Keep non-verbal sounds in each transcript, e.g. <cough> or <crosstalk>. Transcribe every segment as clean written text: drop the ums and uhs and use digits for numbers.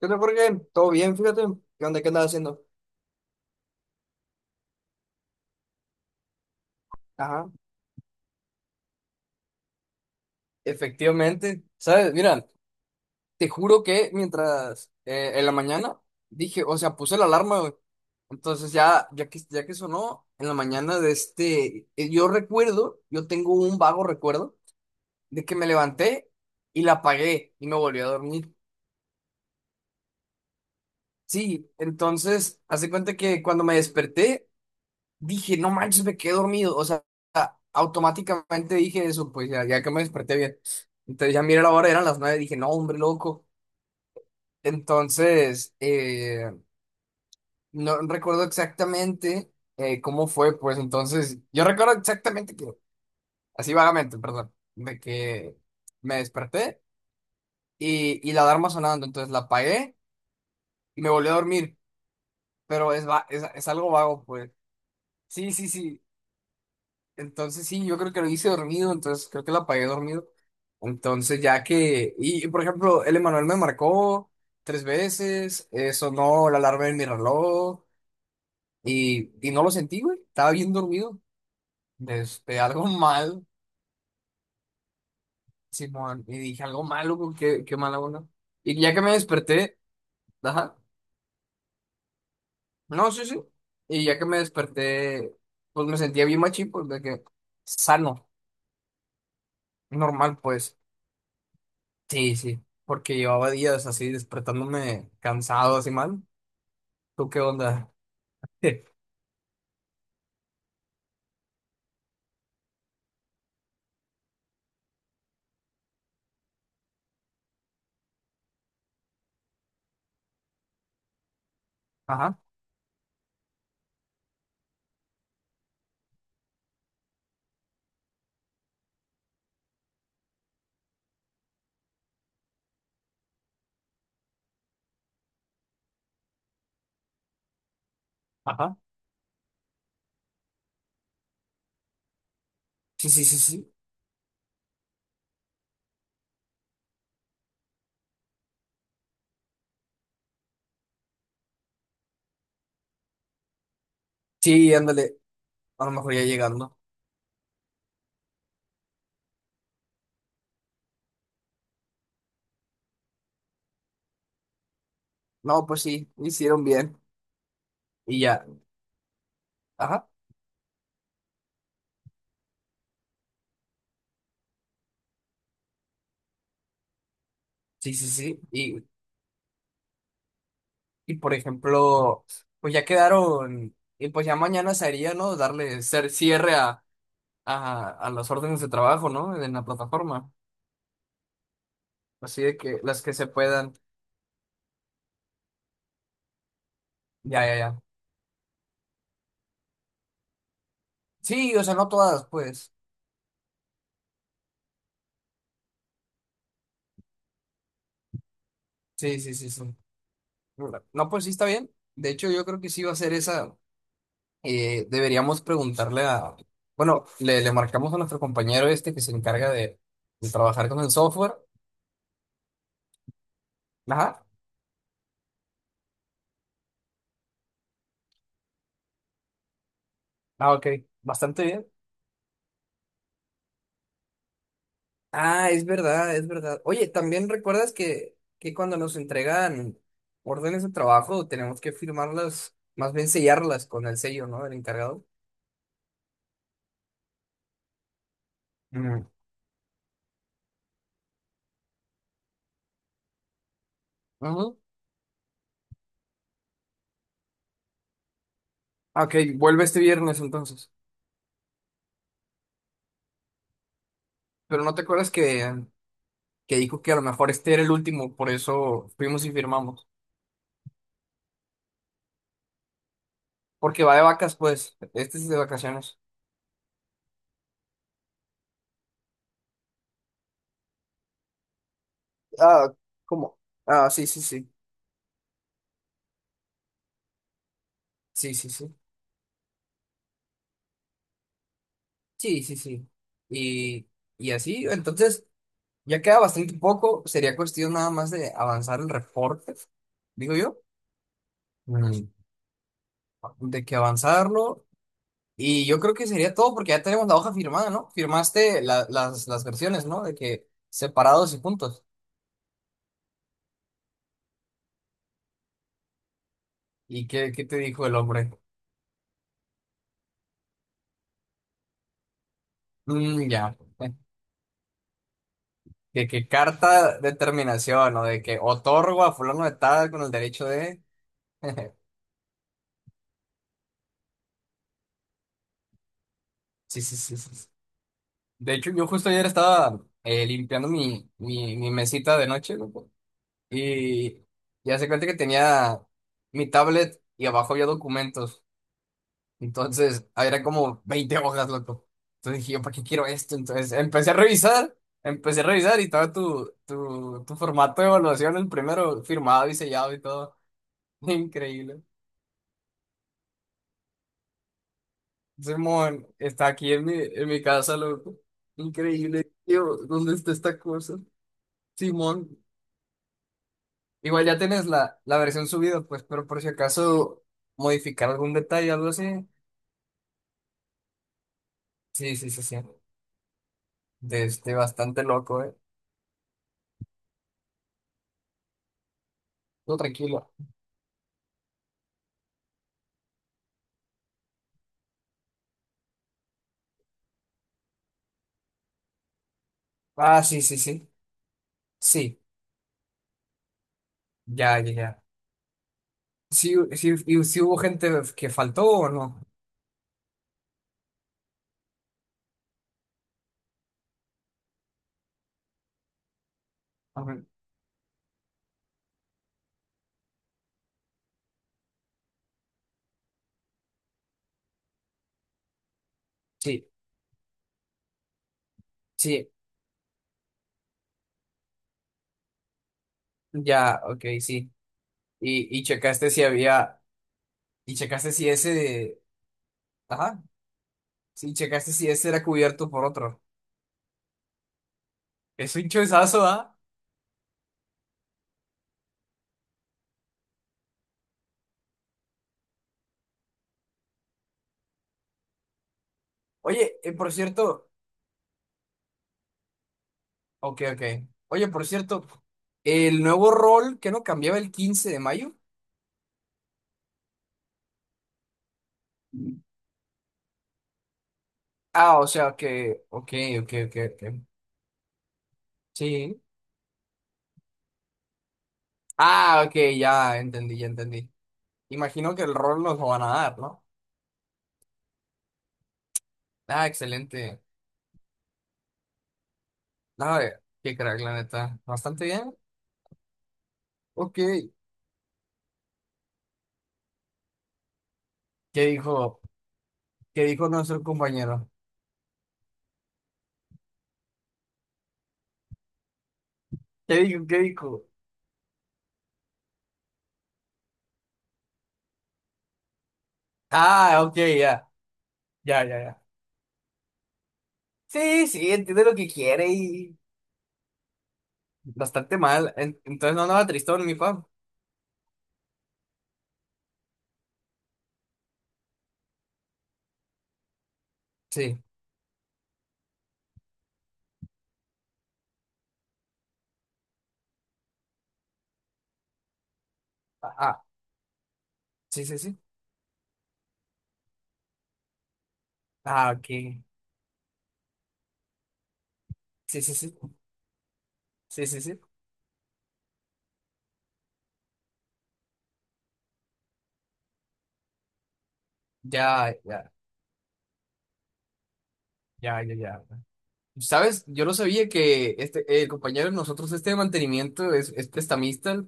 ¿Qué onda, Jorge? ¿Todo bien? Fíjate. ¿Qué onda? ¿Qué andas haciendo? Ajá. Efectivamente. ¿Sabes? Mira, te juro que mientras en la mañana dije, o sea, puse la alarma, güey. Entonces ya que sonó en la mañana de este, yo recuerdo, yo tengo un vago recuerdo de que me levanté y la apagué y me volví a dormir. Sí, entonces, hace cuenta que cuando me desperté, dije, no manches, me quedé dormido. O sea, automáticamente dije eso, pues ya, ya que me desperté bien. Entonces ya miré la hora, eran las nueve, dije, no, hombre, loco. Entonces, no recuerdo exactamente cómo fue, pues entonces, yo recuerdo exactamente que, así vagamente, perdón, de que me desperté y la alarma sonando, entonces la apagué y me volví a dormir, pero es algo vago, pues. Sí, sí, sí. Entonces sí, yo creo que lo hice dormido, entonces creo que la apagué dormido. Entonces ya que, y por ejemplo, el Emanuel me marcó tres veces, sonó la alarma de mi reloj y no lo sentí, güey, estaba bien dormido. Este, algo <laughs> mal, simón, y dije algo malo, güey, qué mala onda. Y ya que me desperté, ajá, no, sí, sí, y ya que me desperté, pues me sentía bien machín, pues de que sano, normal, pues. Sí, sí, porque llevaba días así despertándome cansado, así mal. ¿Tú qué onda? <laughs> Ajá, ajá. Sí, sí, sí, sí. Sí, ándale, a lo mejor ya llegando. No, pues sí, hicieron bien. Y ya, ajá. Sí, sí, sí. Y por ejemplo, pues ya quedaron, y pues ya mañana sería, ¿no? Darle cierre a las órdenes de trabajo, ¿no? En la plataforma. Así de que las que se puedan. Ya, ya, ya. Sí, o sea, no todas, pues. Sí, sí, sí, sí. ¿Verdad? No, pues sí está bien. De hecho, yo creo que sí va a ser esa. Eh, deberíamos preguntarle a. Bueno, le marcamos a nuestro compañero este que se encarga de trabajar con el software. Ajá. Ah, ok, bastante bien. Ah, es verdad, es verdad. Oye, también recuerdas que cuando nos entregan órdenes de trabajo tenemos que firmarlas, más bien sellarlas con el sello, ¿no? Del encargado. Mm. Ajá. Ah, ok, vuelve este viernes entonces. Pero no te acuerdas que dijo que a lo mejor este era el último, por eso fuimos y firmamos. Porque va de vacas, pues, este es de vacaciones. Ah, ¿cómo? Ah, sí, sí, sí. Sí, sí, sí. Sí, sí, sí. Y, y así, entonces, ya queda bastante poco. Sería cuestión nada más de avanzar el reporte, digo yo. Mm. De que avanzarlo. Y yo creo que sería todo porque ya tenemos la hoja firmada, ¿no? Firmaste las versiones, ¿no? De que separados y juntos. ¿Y qué te dijo el hombre? Mm, ya. <laughs> De que carta de terminación o de que otorgo a fulano de tal con el derecho de... <laughs> Sí, sí, sí, sí, sí. De hecho, yo justo ayer estaba limpiando mi mesita de noche, loco, y ya se cuenta que tenía mi tablet y abajo había documentos. Entonces, eran como 20 hojas, loco. Entonces dije, yo, ¿para qué quiero esto? Entonces empecé a revisar y estaba tu formato de evaluación, el primero firmado y sellado y todo. <laughs> Increíble. Simón, está aquí en mi casa, loco. Increíble, tío, ¿dónde está esta cosa? Simón, igual ya tienes la, la versión subida, pues, pero por si acaso modificar algún detalle, algo así. Sí, sí, sí, sí. De este bastante loco, ¿eh? Todo tranquilo. Ah, sí, sí, sí. Sí, ya, ya, ya. Sí, sí, y sí hubo gente que faltó o no. Ajá. Sí, sí, ya, ok, sí. Y, y checaste si había, y checaste si ese, ajá. Sí, checaste si ese era cubierto por otro. Es un choizazo, ¿ah? Oye, por cierto. Ok, ok. Oye, por cierto, el nuevo rol que no cambiaba el 15 de mayo. Ah, o sea que. Ok, ok, ok, ok. Sí. Ah, ok, ya entendí, ya entendí. Imagino que el rol nos lo van a dar, ¿no? Ah, excelente. Nada, de- qué crack, la neta. Bastante bien. Ok. ¿Qué dijo? ¿Qué dijo nuestro compañero? ¿Qué dijo? ¿Qué dijo? Ah, ok, ya. Ya, ya, ya. Sí, sí, entiende lo que quiere y bastante mal. Entonces no andaba tristón, mi pap. Sí. Ah, ah, sí, sí, sí. Ah, ok. Sí, sí, sí. Sí, sí, sí. Ya, ya, ya, ya, ya. ¿Sabes? Yo no sabía que este, el compañero de nosotros, este de mantenimiento, es prestamista.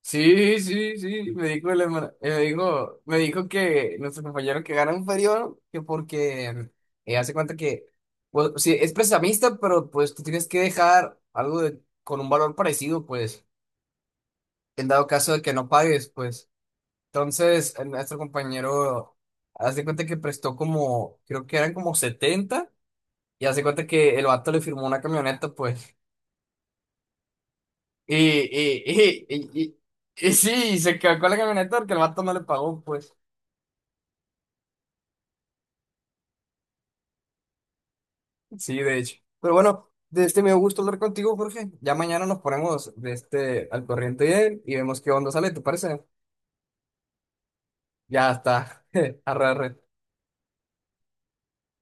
Sí, sí, sí, me dijo, me dijo, me dijo que nuestro compañero que gana inferior, que porque hace cuenta que, pues, sí, es prestamista, pero pues tú tienes que dejar algo de, con un valor parecido, pues, en dado caso de que no pagues, pues. Entonces, nuestro compañero hace cuenta que prestó como, creo que eran como 70 y hace cuenta que el vato le firmó una camioneta, pues, y, y, <laughs> y, y, y, y sí, se quedó con la camioneta porque el vato no le pagó, pues. Sí, de hecho. Pero bueno, de este me gusto hablar contigo, Jorge. Ya mañana nos ponemos de este al corriente de él y vemos qué onda sale, ¿te parece? Ya está. <laughs> Arre, arre.